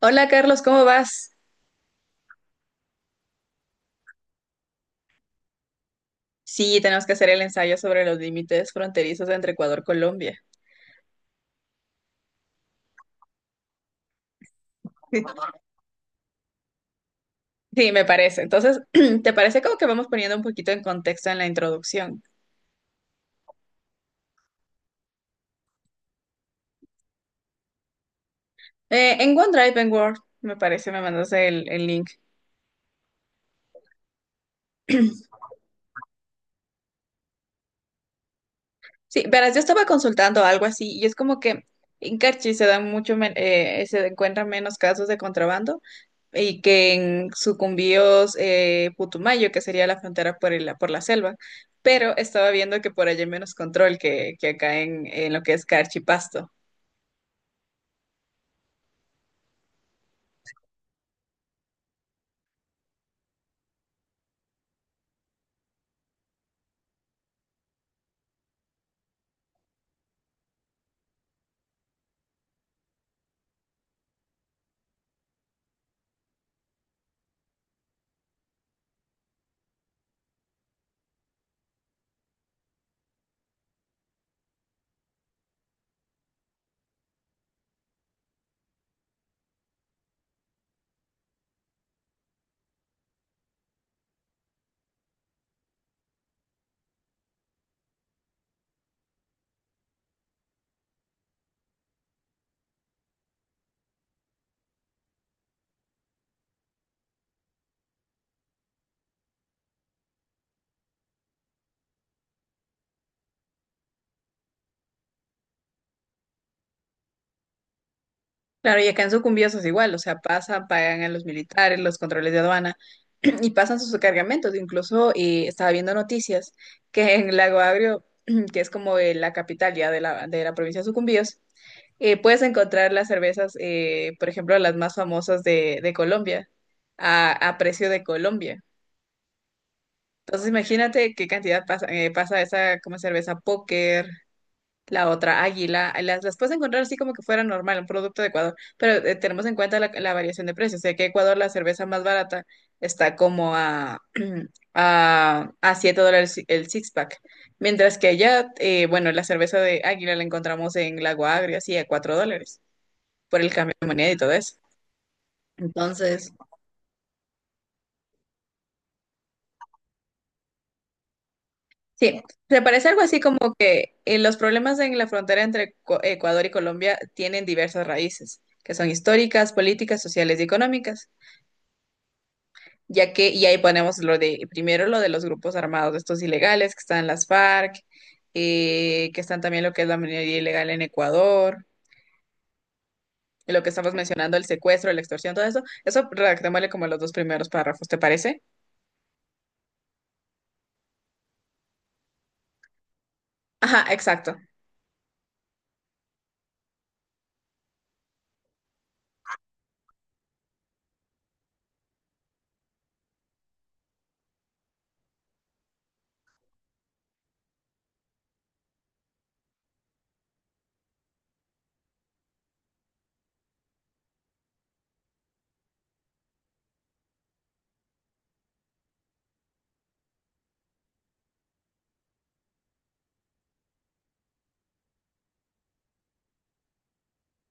Hola Carlos, ¿cómo vas? Sí, tenemos que hacer el ensayo sobre los límites fronterizos entre Ecuador y Colombia. Sí, me parece. Entonces, ¿te parece como que vamos poniendo un poquito en contexto en la introducción? En OneDrive, en Word, me parece, me mandas el link. Sí, verás, yo estaba consultando algo así y es como que en Carchi se dan mucho, se encuentran menos casos de contrabando y que en Sucumbíos, Putumayo, que sería la frontera por la selva, pero estaba viendo que por allá hay menos control que acá en lo que es Carchi Pasto. Claro, y acá en Sucumbíos es igual, o sea, pasan, pagan a los militares, los controles de aduana y pasan sus cargamentos. Incluso estaba viendo noticias que en Lago Agrio, que es como la capital ya de la provincia de Sucumbíos, puedes encontrar las cervezas, por ejemplo, las más famosas de Colombia, a precio de Colombia. Entonces, imagínate qué cantidad pasa, pasa esa como cerveza Póker, la otra, águila, las puedes encontrar así como que fuera normal, un producto de Ecuador, pero tenemos en cuenta la variación de precios. Sé que Ecuador la cerveza más barata está como a $7 si, el six pack, mientras que allá, bueno, la cerveza de águila la encontramos en Lago Agrio, así a $4 por el cambio de moneda y todo eso. Entonces, sí, me parece algo así como que los problemas en la frontera entre Ecuador y Colombia tienen diversas raíces, que son históricas, políticas, sociales y económicas. Ya que, y ahí ponemos lo de, primero lo de los grupos armados, estos ilegales que están las FARC, que están también lo que es la minería ilegal en Ecuador, y lo que estamos mencionando, el secuestro, la extorsión, todo eso, eso redactémosle como los dos primeros párrafos, ¿te parece? Ajá, exacto.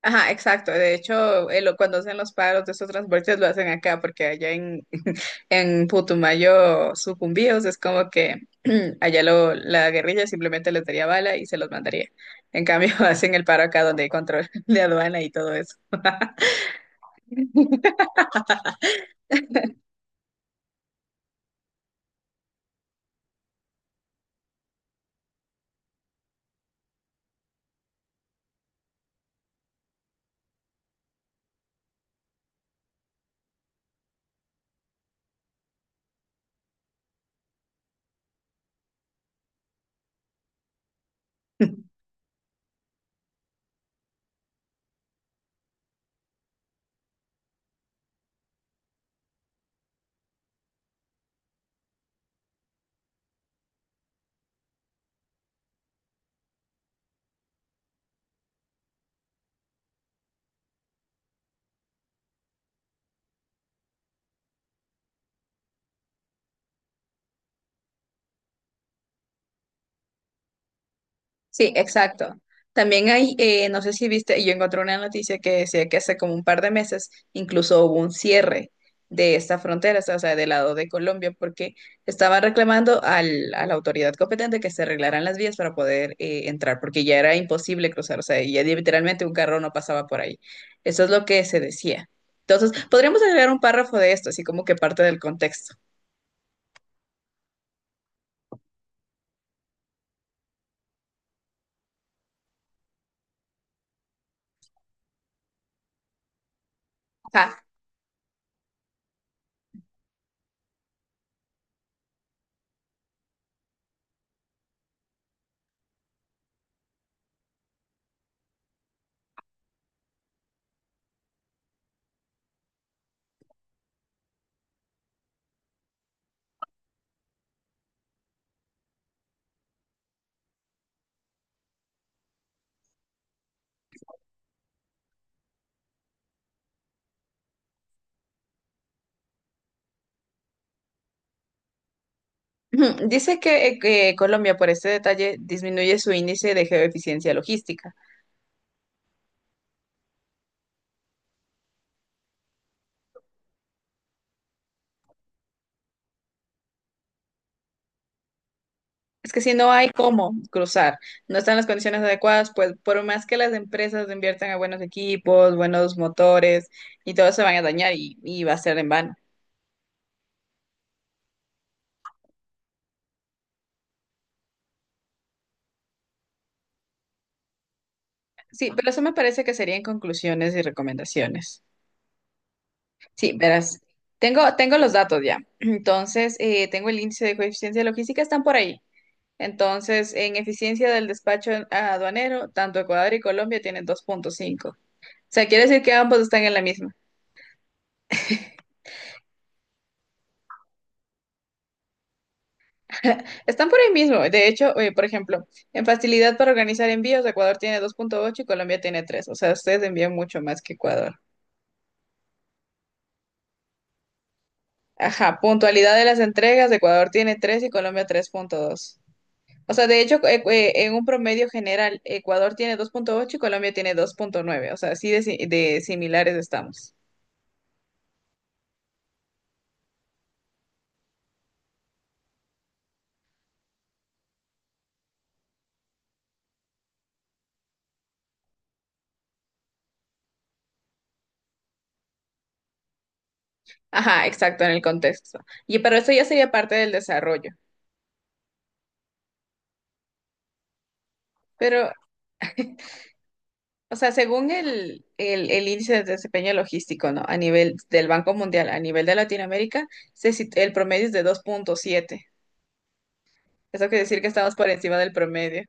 Ajá, exacto. De hecho, cuando hacen los paros de estos transportes lo hacen acá, porque en Putumayo sucumbíos, es como que allá lo, la guerrilla simplemente les daría bala y se los mandaría. En cambio, hacen el paro acá donde hay control de aduana y todo eso. Sí, exacto. También hay, no sé si viste, yo encontré una noticia que decía que hace como un par de meses incluso hubo un cierre de esta frontera, o sea, del lado de Colombia, porque estaban reclamando a la autoridad competente que se arreglaran las vías para poder entrar, porque ya era imposible cruzar, o sea, ya literalmente un carro no pasaba por ahí. Eso es lo que se decía. Entonces, podríamos agregar un párrafo de esto, así como que parte del contexto. Ajá. Ujú. Dice que Colombia por este detalle disminuye su índice de geoeficiencia logística. Es que si no hay cómo cruzar, no están las condiciones adecuadas, pues por más que las empresas inviertan a buenos equipos, buenos motores y todo se van a dañar y va a ser en vano. Sí, pero eso me parece que serían conclusiones y recomendaciones. Sí, verás, tengo los datos ya. Entonces, tengo el índice de coeficiencia logística, están por ahí. Entonces, en eficiencia del despacho aduanero, tanto Ecuador y Colombia tienen 2.5. O sea, quiere decir que ambos están en la misma. Están por ahí mismo. De hecho, por ejemplo, en facilidad para organizar envíos, Ecuador tiene 2.8 y Colombia tiene 3. O sea, ustedes envían mucho más que Ecuador. Ajá, puntualidad de las entregas, Ecuador tiene 3 y Colombia 3.2. O sea, de hecho, en un promedio general, Ecuador tiene 2.8 y Colombia tiene 2.9. O sea, así de, de similares estamos. Ajá, exacto, en el contexto. Y pero eso ya sería parte del desarrollo. Pero, o sea, según el índice de desempeño logístico, ¿no? A nivel del Banco Mundial, a nivel de Latinoamérica, el promedio es de 2.7. Eso quiere decir que estamos por encima del promedio.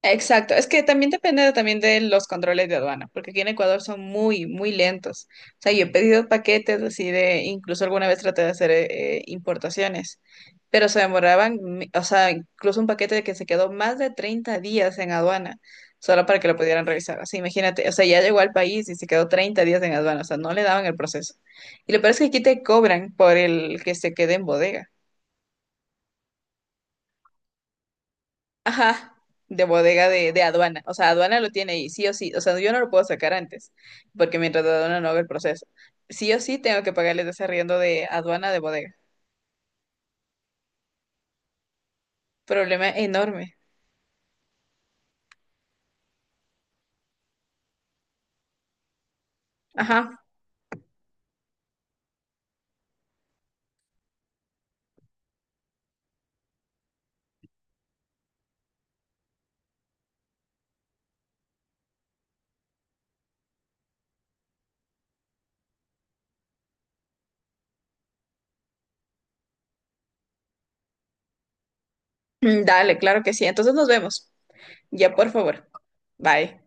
Exacto, es que también depende también de los controles de aduana, porque aquí en Ecuador son muy, muy lentos. O sea, yo he pedido paquetes así de, incluso alguna vez traté de hacer importaciones, pero se demoraban, o sea, incluso un paquete que se quedó más de 30 días en aduana, solo para que lo pudieran revisar. Así, imagínate, o sea, ya llegó al país y se quedó 30 días en aduana, o sea, no le daban el proceso. Y lo peor es que aquí te cobran por el que se quede en bodega. Ajá, de bodega de aduana. O sea, aduana lo tiene ahí, sí o sí. O sea, yo no lo puedo sacar antes, porque mientras aduana no haga el proceso. Sí o sí tengo que pagarles ese arriendo de aduana de bodega. Problema enorme. Ajá. Mm, dale, claro que sí. Entonces nos vemos. Ya, por favor. Bye.